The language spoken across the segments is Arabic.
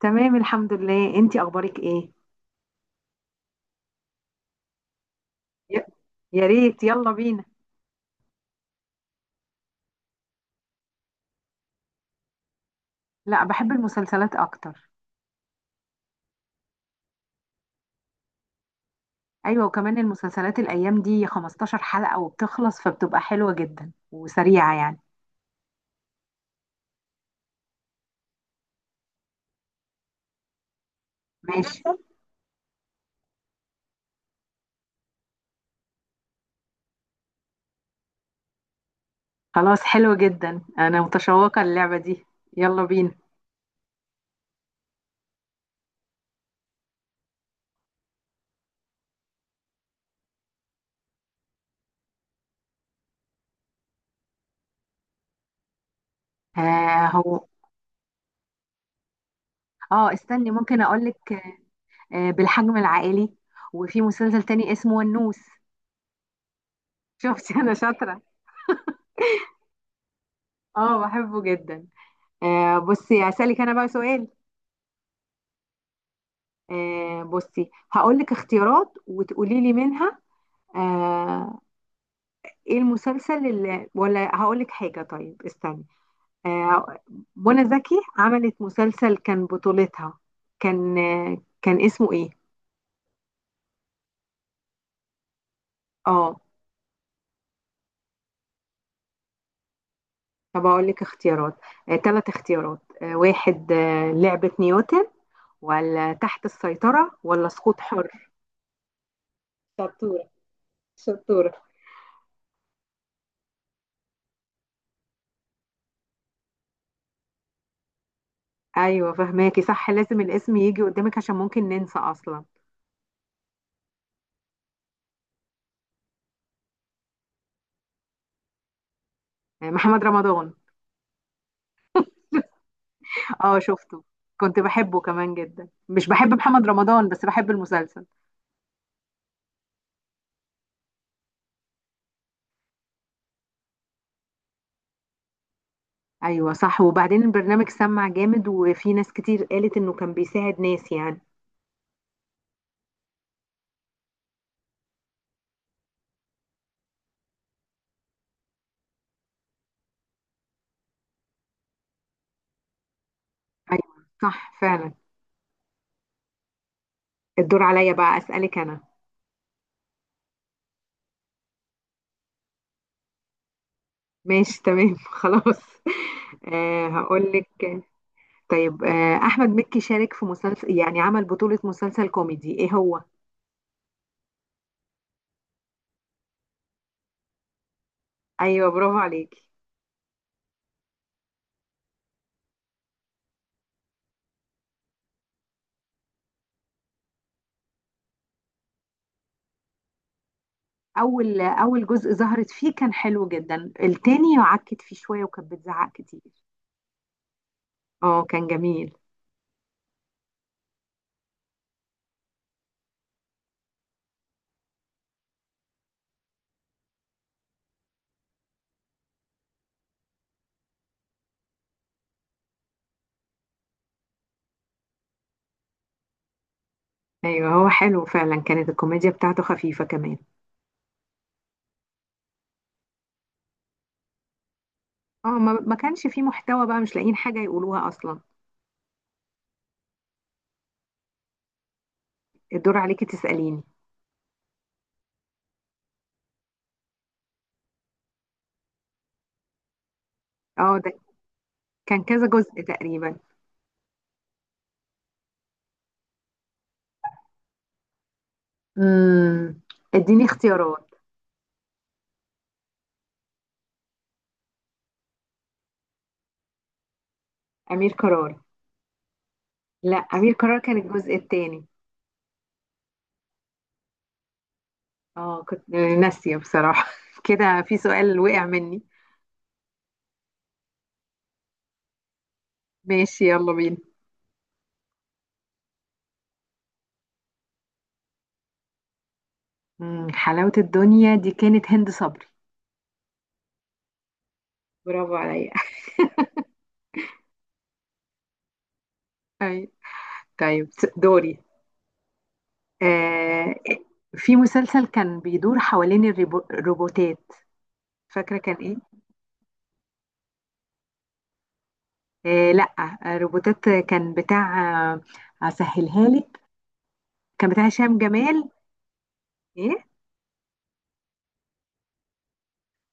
تمام، الحمد لله. انتي اخبارك ايه؟ ي- يا ريت، يلا بينا. لا، بحب المسلسلات اكتر. ايوه، وكمان المسلسلات الايام دي 15 حلقة وبتخلص، فبتبقى حلوة جدا وسريعة يعني. ماشي. خلاص، حلو جدا، انا متشوقة للعبة دي. يلا بينا. آه، هو. اه، استني ممكن اقولك. آه، بالحجم العائلي. وفي مسلسل تاني اسمه النوس. شفتي انا شاطرة. اه، بحبه جدا. آه، بصي اسالك انا بقى سؤال. آه، بصي هقول لك اختيارات وتقولي لي منها. آه. ايه المسلسل اللي، ولا هقول لك حاجة، طيب استني. آه، منى زكي عملت مسلسل كان بطولتها. كان اسمه ايه؟ اه. طب اقول لك اختيارات. آه، 3 اختيارات. آه واحد، لعبة نيوتن ولا تحت السيطرة ولا سقوط حر. شطورة. شطورة. ايوه، فهماكي صح، لازم الاسم يجي قدامك عشان ممكن ننسى اصلا. آه، محمد رمضان. اه، شفته. كنت بحبه كمان جدا، مش بحب محمد رمضان بس بحب المسلسل. ايوه صح. وبعدين البرنامج سمع جامد وفي ناس كتير قالت انه كان بيساعد ناس يعني. ايوه صح فعلا. الدور عليا بقى اسالك انا. ماشي تمام. خلاص. آه، هقول لك. طيب، آه احمد مكي شارك في مسلسل، يعني عمل بطولة مسلسل كوميدي، ايه هو؟ ايوه، برافو عليكي. اول، اول جزء ظهرت فيه كان حلو جدا. التاني عكت فيه شوية وكانت بتزعق كتير. اه، كان جميل. ايوه، هو حلو فعلا، كانت الكوميديا بتاعته خفيفة كمان. اه، ما كانش فيه محتوى بقى، مش لاقيين حاجة يقولوها اصلا. الدور عليكي تسأليني. اه، ده كان كذا جزء تقريبا. امم اديني اختيارات. امير قرار. لا، امير قرار كان الجزء التاني. اه، كنت ناسية بصراحة. كده في سؤال وقع مني. ماشي، يلا بينا. حلاوة الدنيا دي كانت هند صبري. برافو عليا. أي. طيب، دوري. آه، في مسلسل كان بيدور حوالين الروبوتات. فاكرة كان ايه؟ آه لا. آه، روبوتات، كان بتاع. آه، هسهلها لك. كان بتاع هشام جمال. ايه؟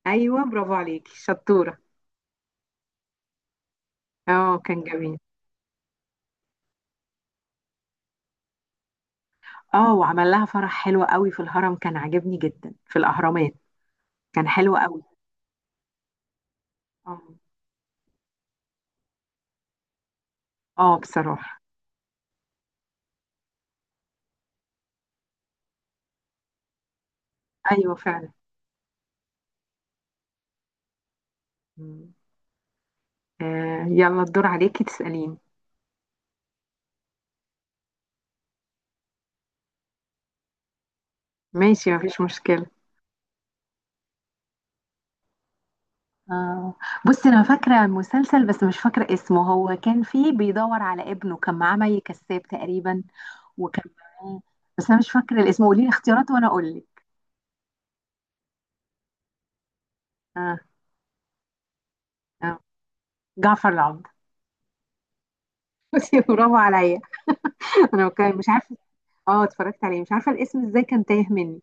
ايوه، برافو عليكي، شطورة. اه، كان جميل. اه، وعمل لها فرح حلو قوي في الهرم، كان عاجبني جدا في الاهرامات. كان حلو قوي. اه. اه، بصراحة. ايوه فعلا. مم. آه، يلا الدور عليكي تسأليني. ماشي، مفيش مشكلة. آه. بصي انا فاكره مسلسل بس مش فاكره اسمه، هو كان فيه بيدور على ابنه، كان معاه مي كساب تقريبا، وكان معاه. بس انا مش فاكره الاسم، قولي لي اختيارات وانا اقول لك. آه. آه. جعفر العمدة. بصي، برافو عليا. انا كان مش عارفه. اه، اتفرجت عليه، مش عارفه الاسم ازاي كان تايه مني.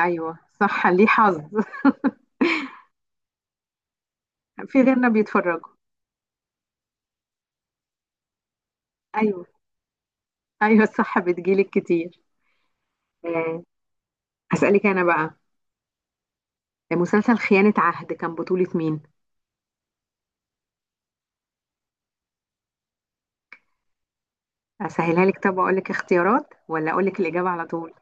ايوه صح، ليه حظ. في غيرنا بيتفرجوا. ايوه ايوه، الصح بتجيلك كتير. آه. اسالك انا بقى. مسلسل خيانه عهد كان بطوله مين؟ اسهلها لك، طب اقول لك اختيارات ولا اقول لك الاجابه على طول.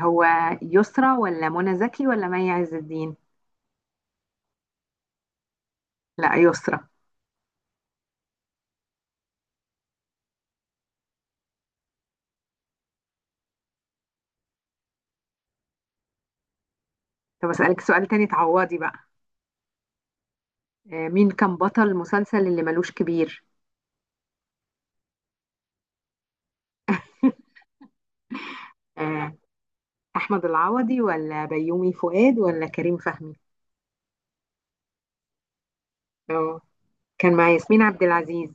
هو يسرى ولا منى زكي ولا مي عز الدين؟ لا، يسرى. طب اسالك سؤال تاني تعوضي بقى. مين كان بطل المسلسل اللي ملوش كبير؟ آه، احمد العوضي ولا بيومي فؤاد ولا كريم فهمي؟ اه، كان مع ياسمين عبد العزيز.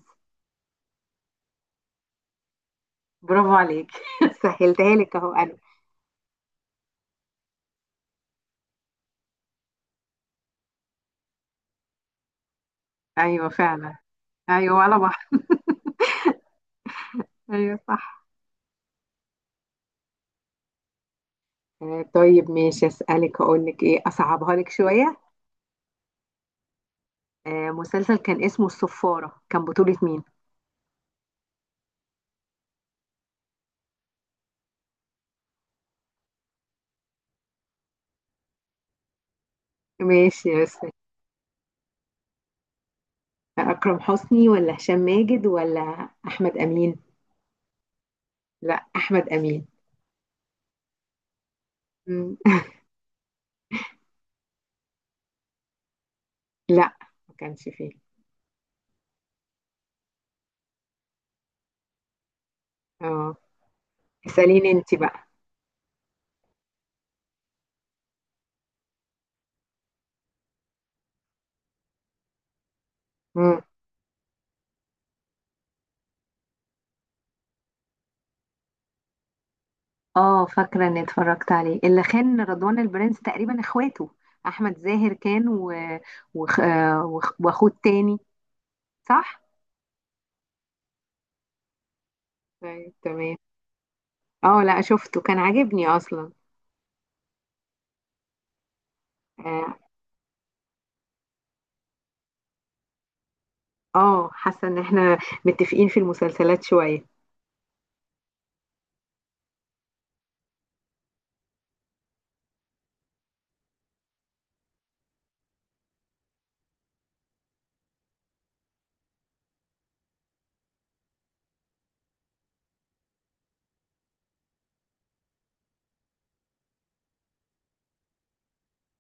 برافو عليك. سهلتها لك اهو انا. ايوه فعلا. ايوه ولا بحر. ايوه صح. طيب ماشي اسالك، اقول لك ايه، اصعبها لك شويه. مسلسل كان اسمه الصفارة كان بطولة مين؟ ماشي بس. أكرم حسني ولا هشام ماجد ولا أحمد أمين؟ لا، أحمد أمين. مم. لا، ما كانش فيه. اه، اسأليني انت بقى. مم. اه، فاكرة اني اتفرجت عليه، اللي خان رضوان البرنس تقريبا اخواته. أحمد زاهر كان، و... واخوه التاني. صح؟ طيب تمام. اه لا، شفته كان عاجبني أصلا. اه. آه، حاسة ان احنا متفقين في المسلسلات شوية.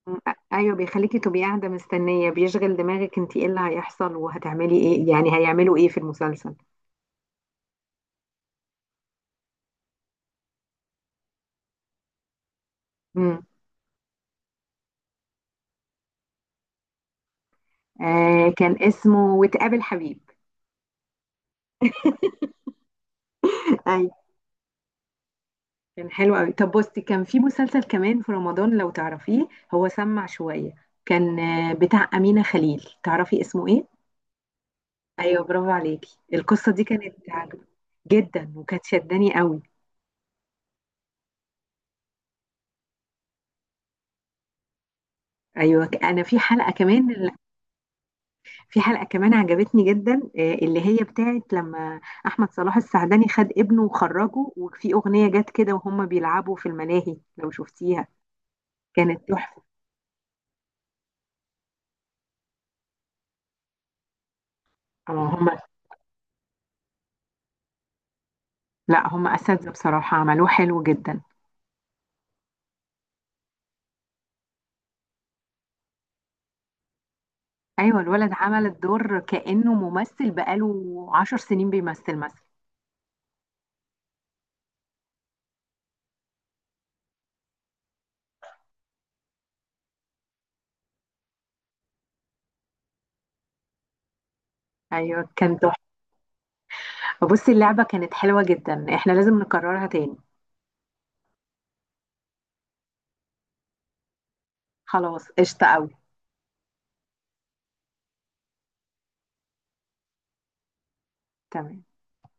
م- ايوه، بيخليكي تبقي قاعده مستنيه، بيشغل دماغك انت ايه اللي هيحصل وهتعملي ايه، يعني هيعملوا ايه في المسلسل. امم. آه، كان اسمه وتقابل حبيب. ايوه كان حلو قوي. طب بصي، كان في مسلسل كمان في رمضان لو تعرفيه، هو سمع شويه، كان بتاع امينه خليل، تعرفي اسمه ايه؟ ايوه برافو عليكي، القصه دي كانت عجبة جدا وكانت شداني قوي. ايوه انا في حلقه كمان، في حلقة كمان عجبتني جدا، اللي هي بتاعت لما أحمد صلاح السعدني خد ابنه وخرجه وفي أغنية جت كده وهم بيلعبوا في الملاهي، لو شفتيها. كانت تحفة. اه هم. لا، هم أساتذة بصراحة، عملوه حلو جدا. أيوة، الولد عمل الدور كأنه ممثل بقاله 10 سنين بيمثل مثلا. أيوة كان تحفة. بصي، اللعبة كانت حلوة جدا، احنا لازم نكررها تاني. خلاص قشطة أوي. تمام.